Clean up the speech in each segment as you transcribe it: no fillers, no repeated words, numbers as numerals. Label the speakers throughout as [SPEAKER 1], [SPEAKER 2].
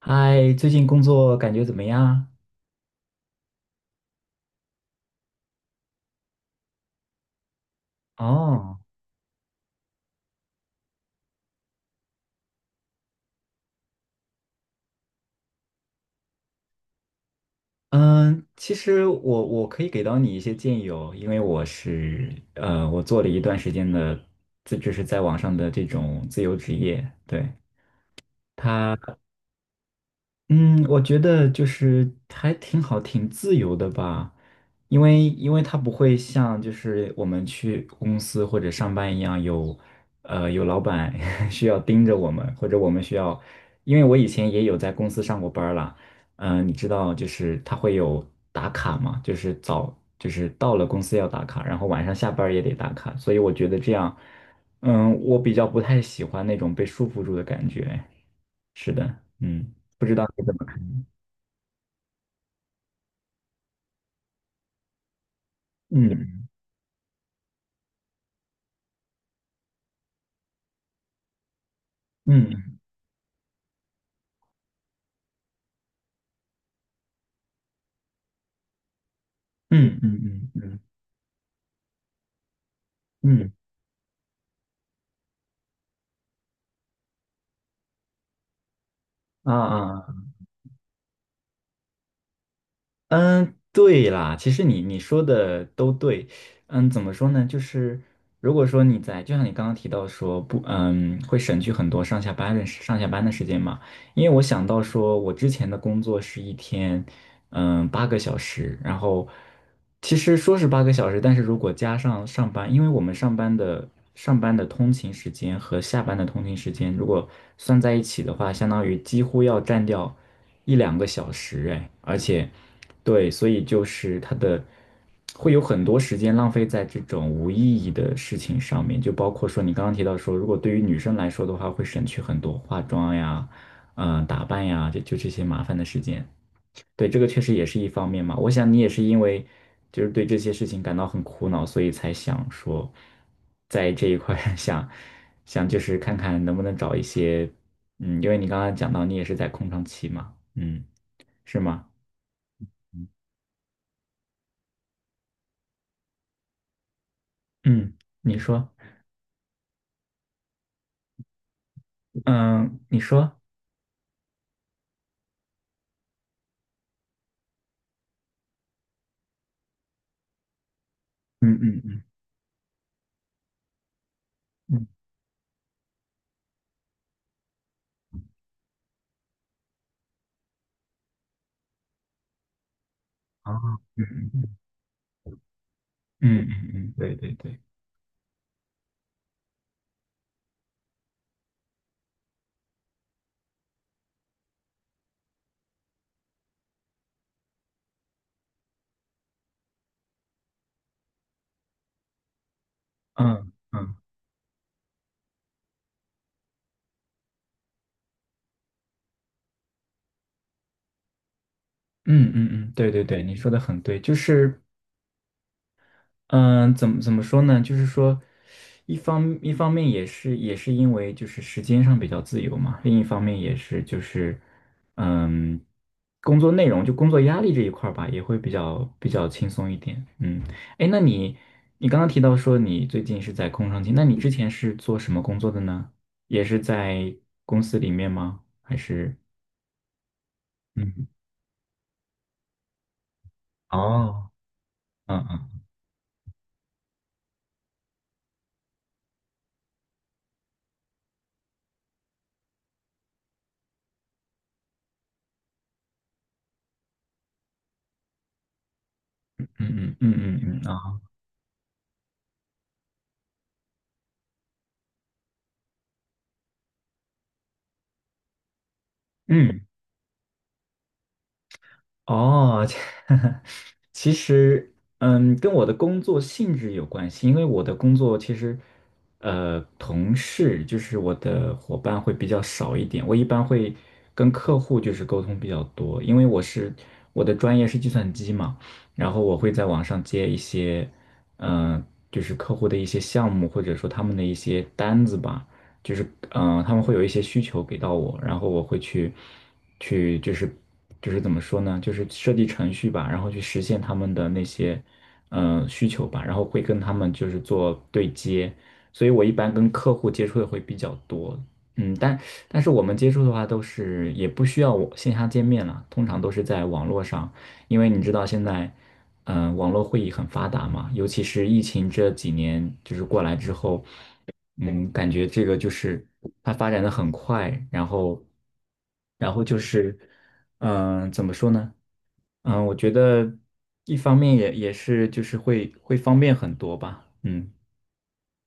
[SPEAKER 1] 嗨，最近工作感觉怎么样？哦，嗯，其实我可以给到你一些建议哦，因为我是我做了一段时间的，这就是在网上的这种自由职业，对，它嗯，我觉得就是还挺好，挺自由的吧，因为它不会像就是我们去公司或者上班一样有，有老板 需要盯着我们，或者我们需要，因为我以前也有在公司上过班了，你知道就是它会有打卡嘛，就是到了公司要打卡，然后晚上下班儿也得打卡，所以我觉得这样，我比较不太喜欢那种被束缚住的感觉。是的，不知道你怎么看？嗯嗯嗯嗯嗯嗯嗯嗯啊啊。嗯，对啦，其实你说的都对。怎么说呢？就是如果说你在，就像你刚刚提到说不，会省去很多上下班的时间嘛。因为我想到说，我之前的工作是一天，八个小时，然后其实说是八个小时，但是如果加上上班，因为我们上班的通勤时间和下班的通勤时间，如果算在一起的话，相当于几乎要占掉一两个小时，哎，而且。对，所以就是会有很多时间浪费在这种无意义的事情上面，就包括说你刚刚提到说，如果对于女生来说的话，会省去很多化妆呀、打扮呀，这些麻烦的时间。对，这个确实也是一方面嘛。我想你也是因为就是对这些事情感到很苦恼，所以才想说在这一块儿 想想就是看看能不能找一些，因为你刚刚讲到你也是在空窗期嘛，嗯，是吗？嗯，你说。嗯，你说，嗯嗯嗯嗯，哦，嗯嗯嗯嗯嗯，嗯对对对，嗯嗯嗯嗯嗯，对对对，你说的很对，就是嗯，怎么说呢？就是说，一方面也是因为就是时间上比较自由嘛，另一方面也是就是，嗯，工作内容就工作压力这一块儿吧，也会比较轻松一点。嗯，哎，那你你刚刚提到说你最近是在空窗期，那你之前是做什么工作的呢？也是在公司里面吗？还是嗯，哦，嗯嗯嗯嗯嗯嗯嗯啊，嗯。哦，这 其实，跟我的工作性质有关系，因为我的工作其实，同事就是我的伙伴会比较少一点，我一般会跟客户就是沟通比较多，因为我的专业是计算机嘛，然后我会在网上接一些，嗯、就是客户的一些项目或者说他们的一些单子吧。就是他们会有一些需求给到我，然后我会去就是就是怎么说呢，就是设计程序吧，然后去实现他们的那些需求吧，然后会跟他们就是做对接，所以我一般跟客户接触的会比较多，嗯，但是我们接触的话都是也不需要我线下见面了，通常都是在网络上。因为你知道现在，网络会议很发达嘛，尤其是疫情这几年就是过来之后，感觉这个就是它发展的很快，然后，然后就是，怎么说呢？我觉得一方面也是就是会方便很多吧，嗯，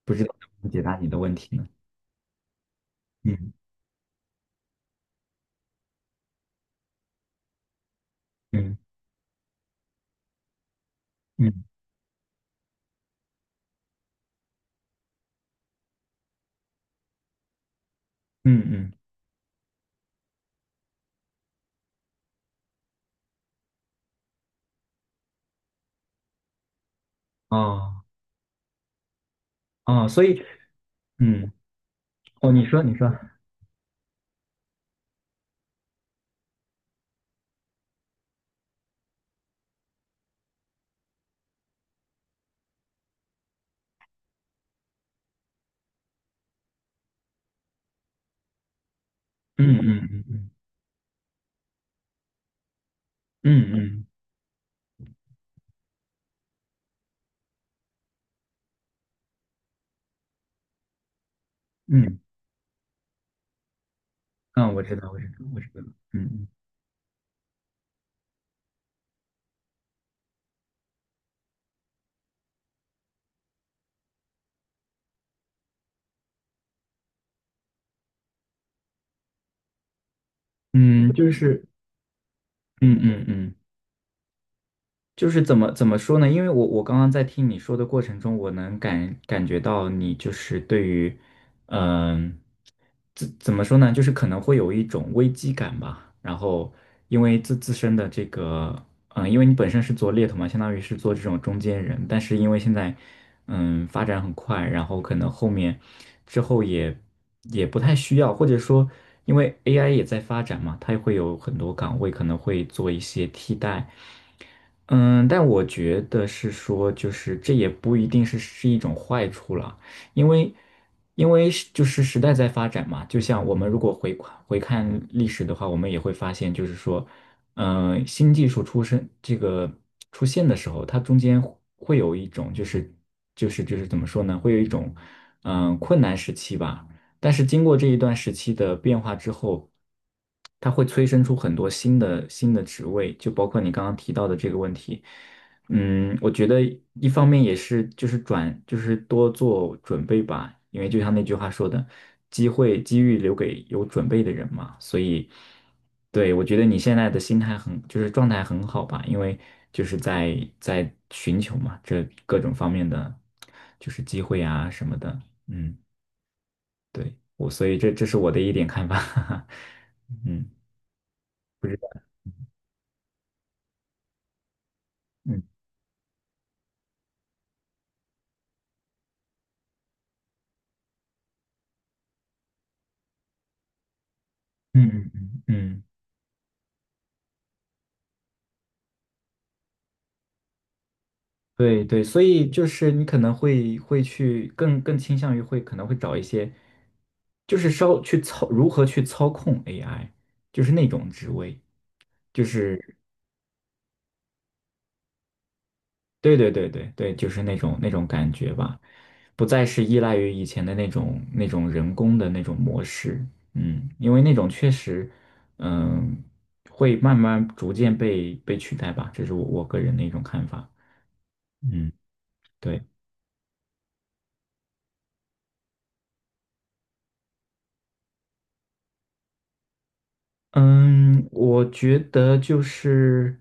[SPEAKER 1] 不知道怎么解答你的问题呢？嗯嗯嗯嗯嗯，哦哦，所以嗯哦，你说你说，嗯嗯嗯嗯嗯嗯。嗯嗯，我知道，我知道，我知道，嗯嗯，就是，嗯嗯嗯。就是怎么说呢？因为我刚刚在听你说的过程中，我能感觉到你就是对于，嗯、怎么说呢？就是可能会有一种危机感吧。然后因为自身的这个，因为你本身是做猎头嘛，相当于是做这种中间人，但是因为现在，发展很快，然后可能后面之后也不太需要，或者说因为 AI 也在发展嘛，它会有很多岗位可能会做一些替代。嗯，但我觉得是说，就是这也不一定是一种坏处了，因为就是时代在发展嘛，就像我们如果回看历史的话，我们也会发现，就是说，新技术出生这个出现的时候，它中间会有一种怎么说呢，会有一种困难时期吧。但是经过这一段时期的变化之后，它会催生出很多新的职位，就包括你刚刚提到的这个问题。我觉得一方面也是就是转就是多做准备吧，因为就像那句话说的，机会机遇留给有准备的人嘛。所以，对，我觉得你现在的心态很就是状态很好吧，因为就是在寻求嘛，这各种方面的就是机会啊什么的。嗯。对，我，所以这是我的一点看法。嗯嗯嗯嗯嗯，嗯，对对，所以就是你可能会去更倾向于会可能会找一些，就是稍去操如何去操控 AI，就是那种职位，就是对对对对对，就是那种感觉吧，不再是依赖于以前的那种人工的那种模式，因为那种确实，嗯，会慢慢逐渐被取代吧，这是我个人的一种看法，嗯，对。嗯，我觉得就是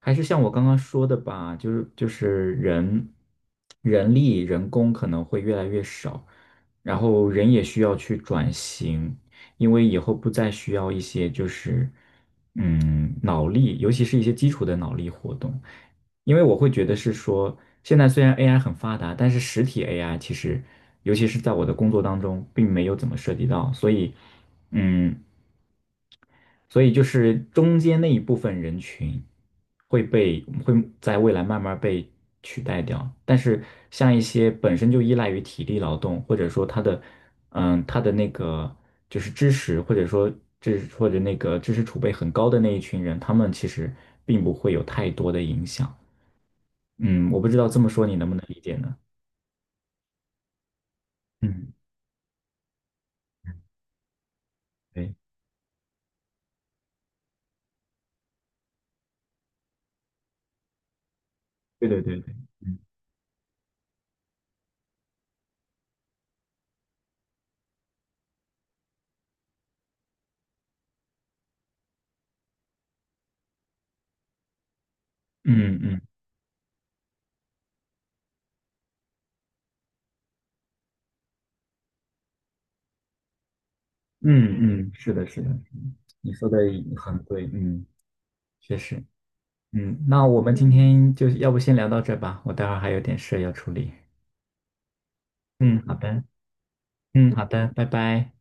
[SPEAKER 1] 还是像我刚刚说的吧，就是人力人工可能会越来越少，然后人也需要去转型，因为以后不再需要一些就是脑力，尤其是一些基础的脑力活动，因为我会觉得是说，现在虽然 AI 很发达，但是实体 AI 其实尤其是在我的工作当中并没有怎么涉及到，所以嗯。所以就是中间那一部分人群会在未来慢慢被取代掉，但是像一些本身就依赖于体力劳动，或者说他的那个就是知识或者说或者那个知识储备很高的那一群人，他们其实并不会有太多的影响。嗯，我不知道这么说你能不能理解呢？嗯，对，对对对对，嗯嗯嗯嗯嗯，是的，是的，是的你说的很对，嗯，确实。那我们今天就要不先聊到这吧，我待会儿还有点事要处理。嗯，好的，嗯，好的，拜拜。